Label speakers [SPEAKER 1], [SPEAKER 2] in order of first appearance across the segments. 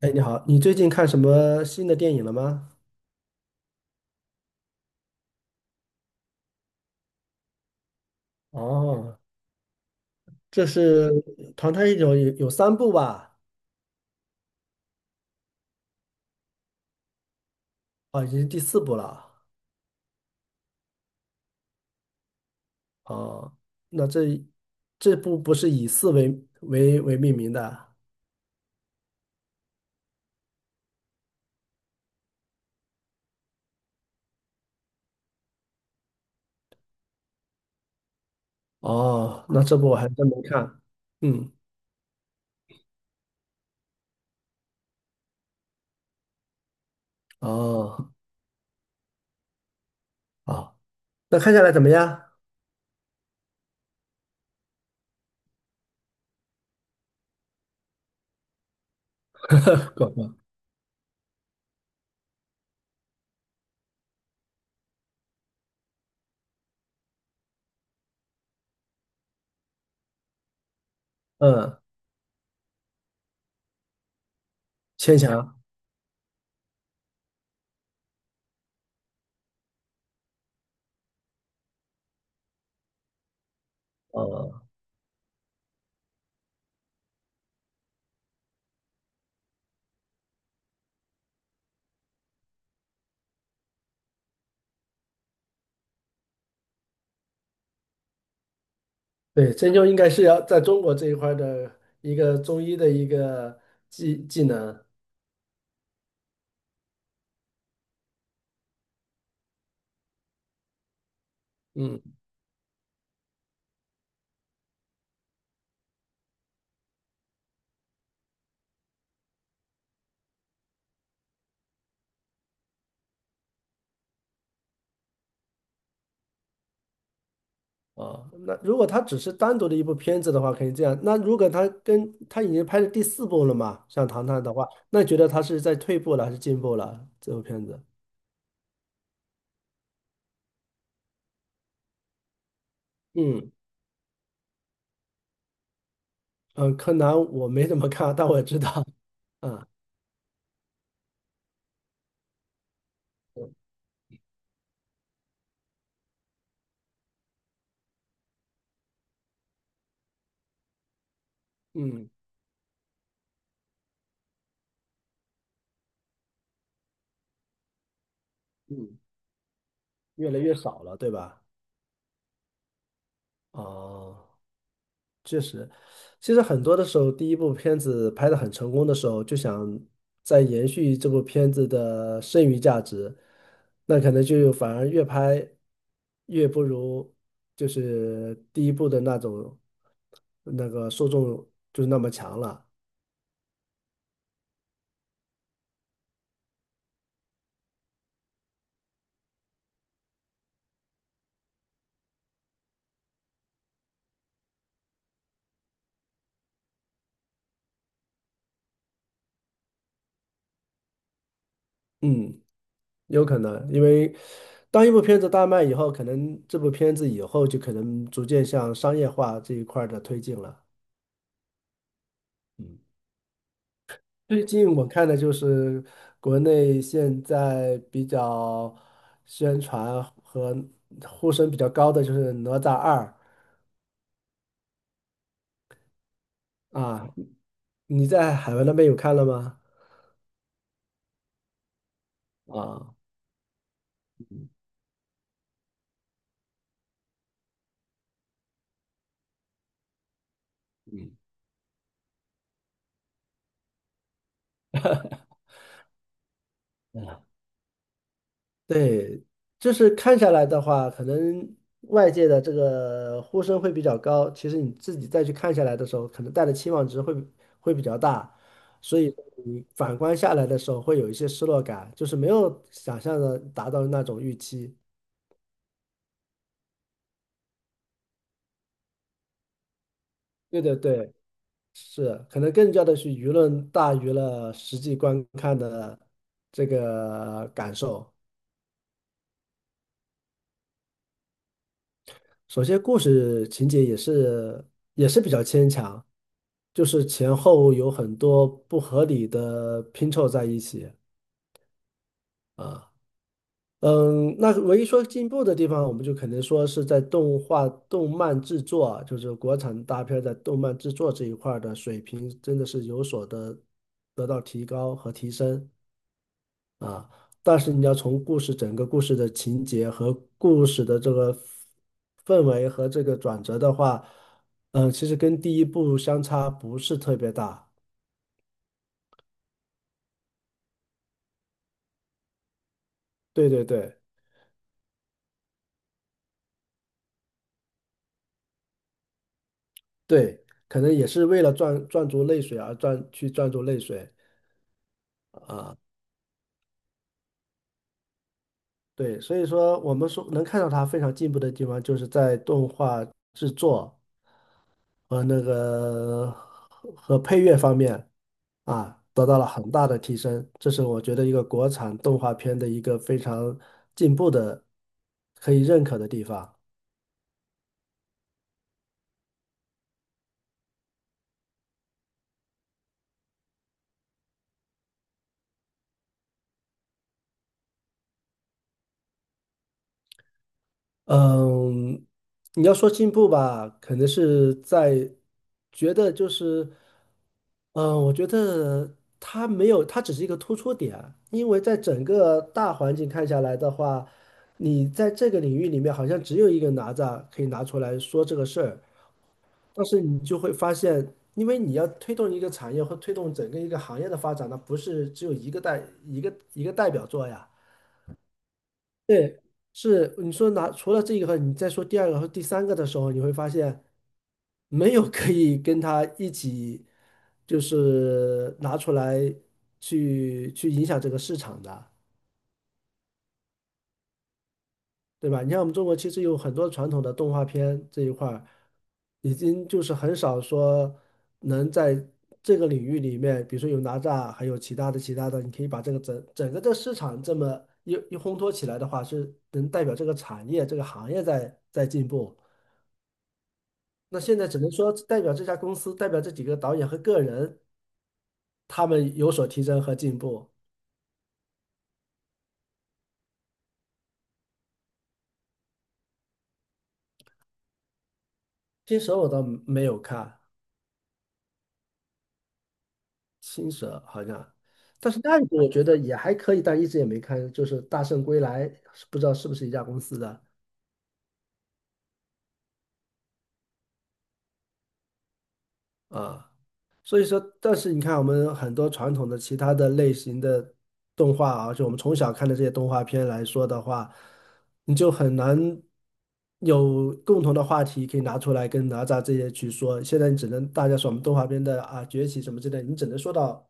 [SPEAKER 1] 哎，你好，你最近看什么新的电影了吗？哦，这是《唐探一九》有三部吧？哦，已经是第四部了。哦，那这部不是以四为命名的？哦，那这部我还真没看。嗯，哦，好，那看下来怎么样？广告。嗯，牵强。哦，对，针灸应该是要在中国这一块儿的一个中医的一个技能。嗯。哦，那如果他只是单独的一部片子的话，可以这样。那如果他跟他已经拍了第四部了嘛，像《唐探》的话，那你觉得他是在退步了还是进步了？这部片子。嗯嗯，柯南我没怎么看，但我知道。嗯嗯嗯，越来越少了，对吧？哦。确实，其实很多的时候，第一部片子拍的很成功的时候，就想再延续这部片子的剩余价值，那可能就反而越拍越不如就是第一部的那种那个受众就是那么强了。嗯，有可能，因为当一部片子大卖以后，可能这部片子以后就可能逐渐向商业化这一块儿的推进了。嗯，最近我看的就是国内现在比较宣传和呼声比较高的就是《哪吒二》。啊，你在海外那边有看了吗？啊，嗯，对，就是看下来的话，可能外界的这个呼声会比较高，其实你自己再去看下来的时候，可能带的期望值会比较大，所以你反观下来的时候会有一些失落感，就是没有想象的达到那种预期。对对对。是，可能更加的是舆论大于了实际观看的这个感受。首先，故事情节也是比较牵强，就是前后有很多不合理的拼凑在一起啊。嗯，那唯一说进步的地方，我们就肯定说是在动画、动漫制作啊，就是国产大片在动漫制作这一块儿的水平，真的是有所的得到提高和提升。啊，但是你要从故事整个故事的情节和故事的这个氛围和这个转折的话，嗯，其实跟第一部相差不是特别大。对对对对，可能也是为了赚足泪水而赚足泪水。对，所以说我们说能看到它非常进步的地方，就是在动画制作和那个和和配乐方面。啊，得到了很大的提升。这是我觉得一个国产动画片的一个非常进步的，可以认可的地方。嗯，你要说进步吧，可能是在觉得就是，嗯，我觉得它没有，它只是一个突出点，因为在整个大环境看下来的话，你在这个领域里面好像只有一个哪吒可以拿出来说这个事儿。但是你就会发现，因为你要推动一个产业或推动整个一个行业的发展，那不是只有一个代表作呀。对，是你说拿除了这个，你再说第二个和第三个的时候，你会发现没有可以跟他一起就是拿出来去影响这个市场的。对吧？你看我们中国其实有很多传统的动画片这一块儿，已经就是很少说能在这个领域里面，比如说有哪吒，还有其他的，你可以把这个整个这市场这么一烘托起来的话，是能代表这个产业这个行业在进步。那现在只能说代表这家公司，代表这几个导演和个人，他们有所提升和进步。新手我倒没有看。青蛇好像，但是那一部我觉得也还可以，但一直也没看，就是《大圣归来》，不知道是不是一家公司的啊。所以说，但是你看我们很多传统的其他的类型的动画啊，就我们从小看的这些动画片来说的话，你就很难有共同的话题可以拿出来跟哪吒这些去说。现在你只能大家说我们动画片的啊崛起什么之类，你只能说到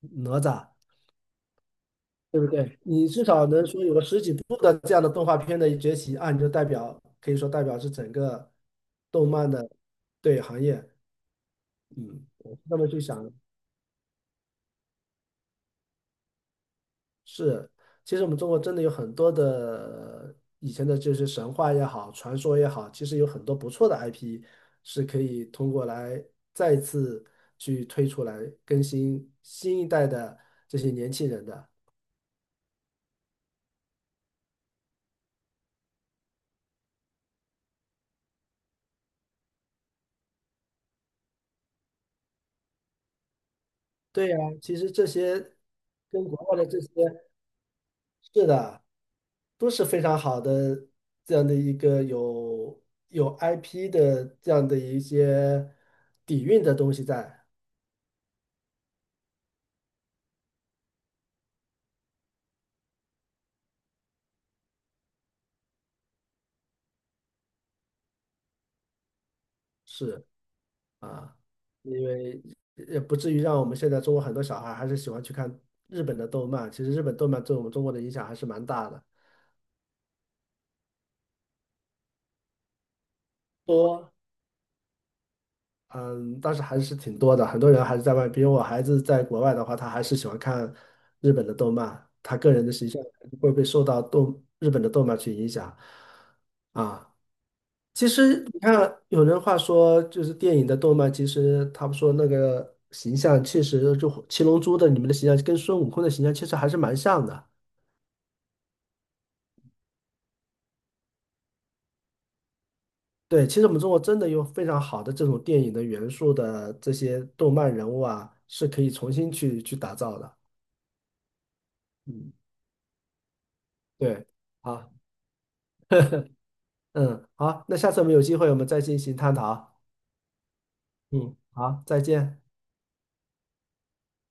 [SPEAKER 1] 哪吒。对不对？你至少能说有个十几部的这样的动画片的崛起啊，你就代表可以说代表是整个动漫的对行业。嗯，我是这么去想，是，其实我们中国真的有很多的以前的这些神话也好，传说也好，其实有很多不错的 IP 是可以通过来再次去推出来更新新一代的这些年轻人的。对呀，其实这些跟国外的这些。是的，都是非常好的这样的一个有 IP 的这样的一些底蕴的东西在，是啊，因为也不至于让我们现在中国很多小孩还是喜欢去看日本的动漫，其实日本动漫对我们中国的影响还是蛮大的。多。嗯，但是还是挺多的，很多人还是在外，比如我孩子在国外的话，他还是喜欢看日本的动漫，他个人的形象会被受到动日本的动漫去影响啊。其实你看，有人话说，就是电影的动漫，其实他们说那个形象确实就《七龙珠》的你们的形象跟孙悟空的形象其实还是蛮像的。对，其实我们中国真的有非常好的这种电影的元素的这些动漫人物啊，是可以重新去打造的。嗯。对，好，嗯，好，那下次我们有机会我们再进行探讨。嗯，好，再见。